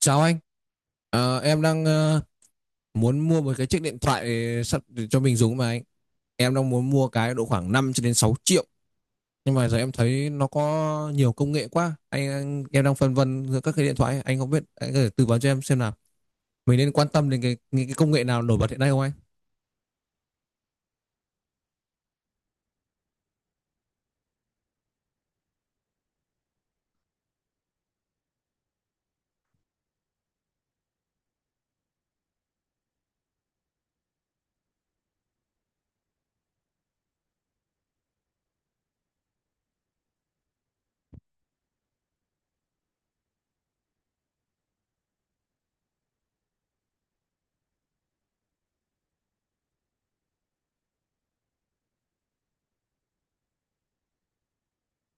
Chào anh. Em đang muốn mua một chiếc điện thoại sắp để cho mình dùng mà anh. Em đang muốn mua cái độ khoảng 5 cho đến 6 triệu. Nhưng mà giờ em thấy nó có nhiều công nghệ quá. Em đang phân vân giữa các cái điện thoại. Anh không biết, anh có thể tư vấn cho em xem nào. Mình nên quan tâm đến những cái công nghệ nào nổi bật hiện nay không anh?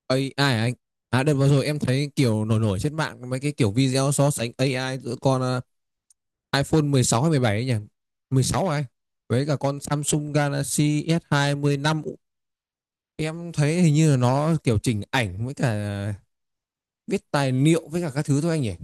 AI hả anh? À đợt vừa rồi em thấy kiểu nổi nổi trên mạng mấy cái kiểu video so sánh AI giữa con iPhone 16 hay 17 ấy nhỉ? 16 hả anh? Với cả con Samsung Galaxy S25 hai mươi lăm. Em thấy hình như là nó kiểu chỉnh ảnh với cả viết tài liệu với cả các thứ thôi anh nhỉ.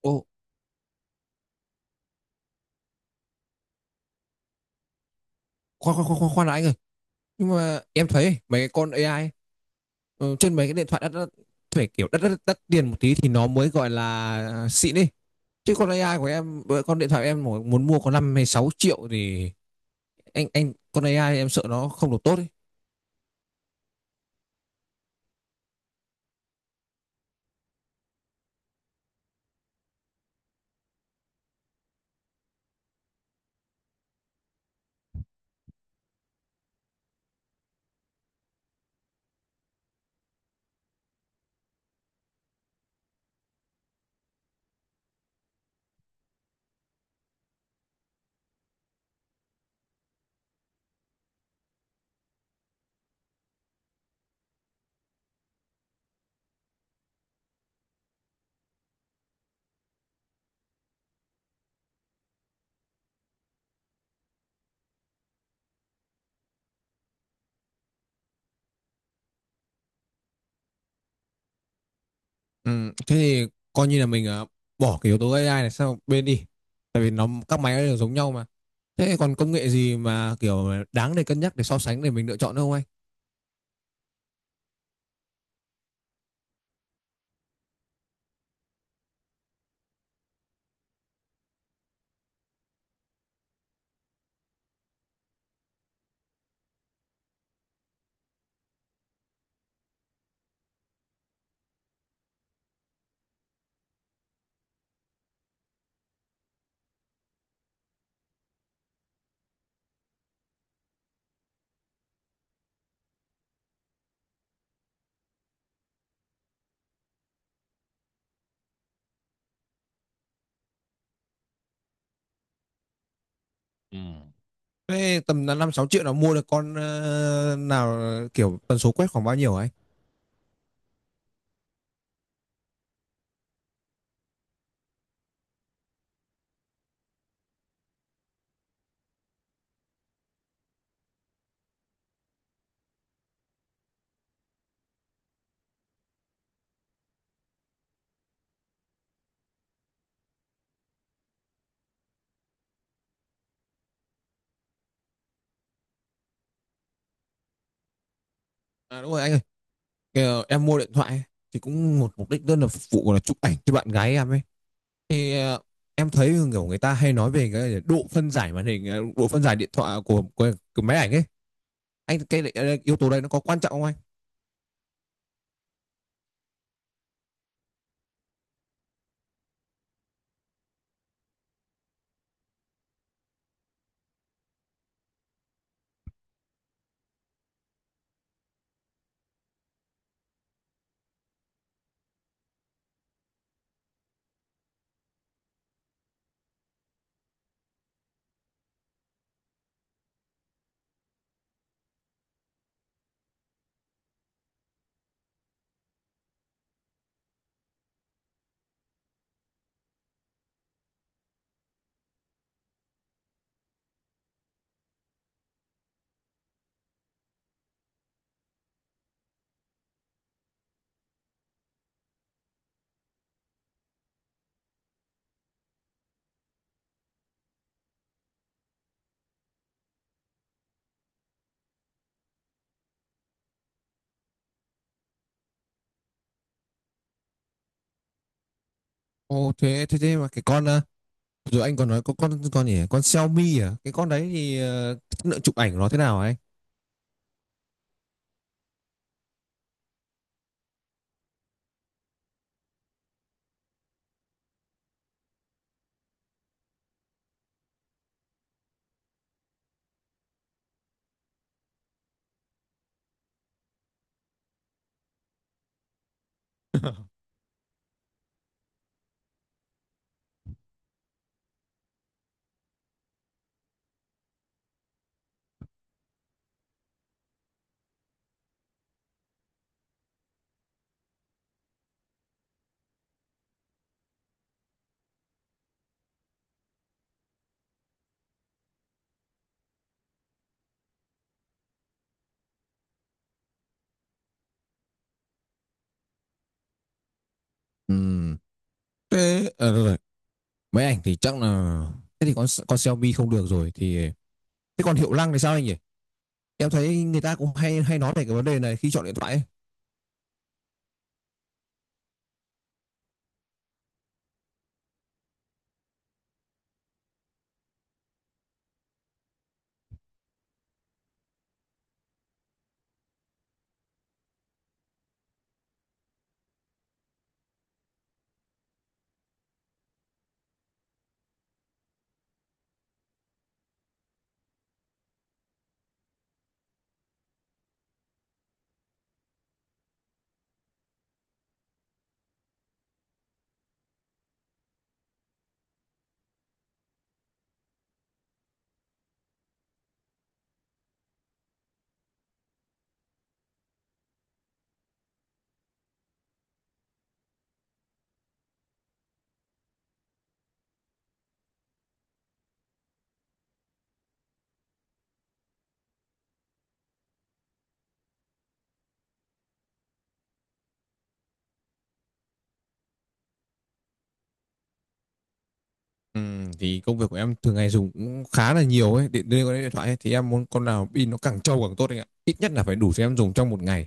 Ồ, khoan khoan khoan khoan khoan đã anh ơi. Nhưng mà em thấy mấy cái con AI ấy, trên mấy cái điện thoại đắt đắt phải kiểu đắt đắt đắt tiền một tí thì nó mới gọi là xịn đi. Chứ con AI của em, với con điện thoại em mà muốn mua có 5 hay 6 triệu thì anh con AI em sợ nó không được tốt ý. Ừ, thế thì coi như là mình bỏ cái yếu tố AI này sang một bên đi. Tại vì nó các máy nó đều giống nhau mà. Thế còn công nghệ gì mà kiểu đáng để cân nhắc để so sánh để mình lựa chọn nữa không anh? Thế tầm là 5 6 triệu là mua được con nào, kiểu tần số quét khoảng bao nhiêu hả anh? À đúng rồi anh ơi, kiểu em mua điện thoại ấy, thì cũng một mục đích đơn là phục vụ là chụp ảnh cho bạn gái em ấy. Thì em thấy kiểu người ta hay nói về cái độ phân giải màn hình, độ phân giải điện thoại của máy ảnh ấy. Anh cái yếu tố đây nó có quan trọng không anh? Ồ, thế thế thế mà cái con rồi anh còn nói có con gì nhỉ? Con Xiaomi à, cái con đấy thì chất lượng chụp ảnh của nó thế nào hả anh? Ừm, Thế rồi, rồi. Máy ảnh thì chắc là thế thì con Xiaomi không được rồi thì thế còn hiệu năng thì sao anh nhỉ? Em thấy người ta cũng hay hay nói về cái vấn đề này khi chọn điện thoại ấy. Ừ, thì công việc của em thường ngày dùng cũng khá là nhiều ấy điện liên quan đến điện thoại ấy. Thì em muốn con nào pin nó càng trâu càng tốt anh ạ, ít nhất là phải đủ cho em dùng trong một ngày.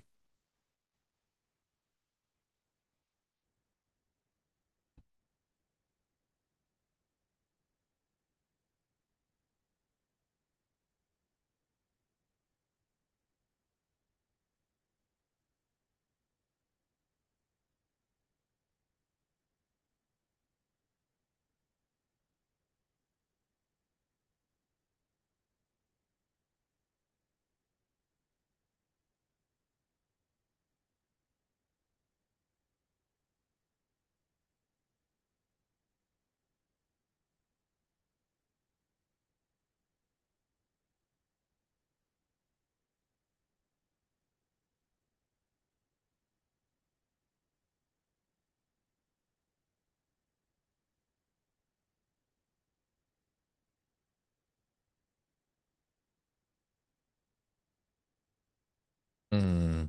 Ừm,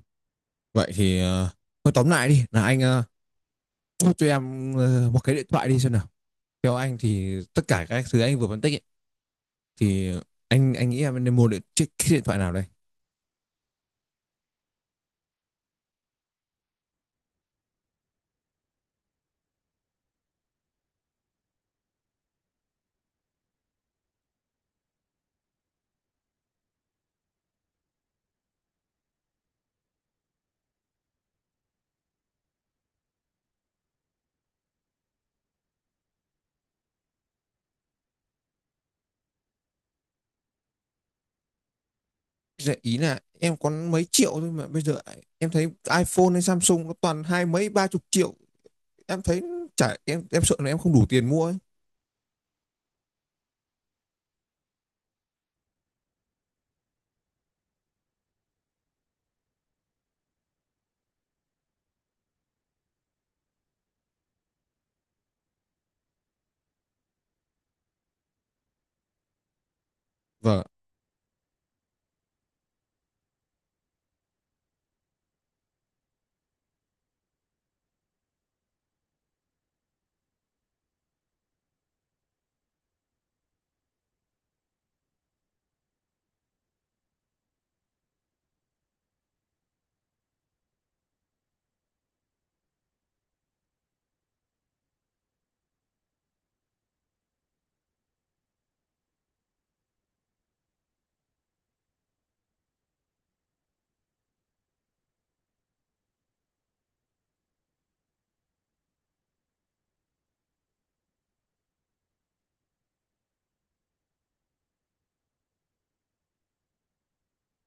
Vậy thì thôi tóm lại đi là anh ờ, Thôi cho em một cái điện thoại đi xem nào. Theo anh thì tất cả các thứ anh vừa phân tích ấy, thì anh nghĩ em nên mua cái điện thoại nào đây? Dạ, ý là em có mấy triệu thôi mà bây giờ em thấy iPhone hay Samsung nó toàn hai mấy ba chục triệu. Em thấy chả em sợ là em không đủ tiền mua ấy. Vâng,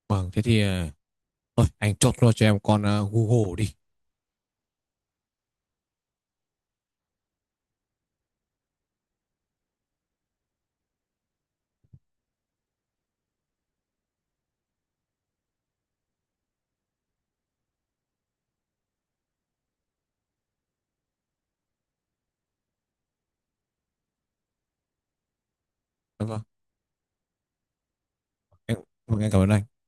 vâng thế thì thôi anh chốt luôn cho em con Google đi. Vâng, em, vâng, em cảm ơn anh.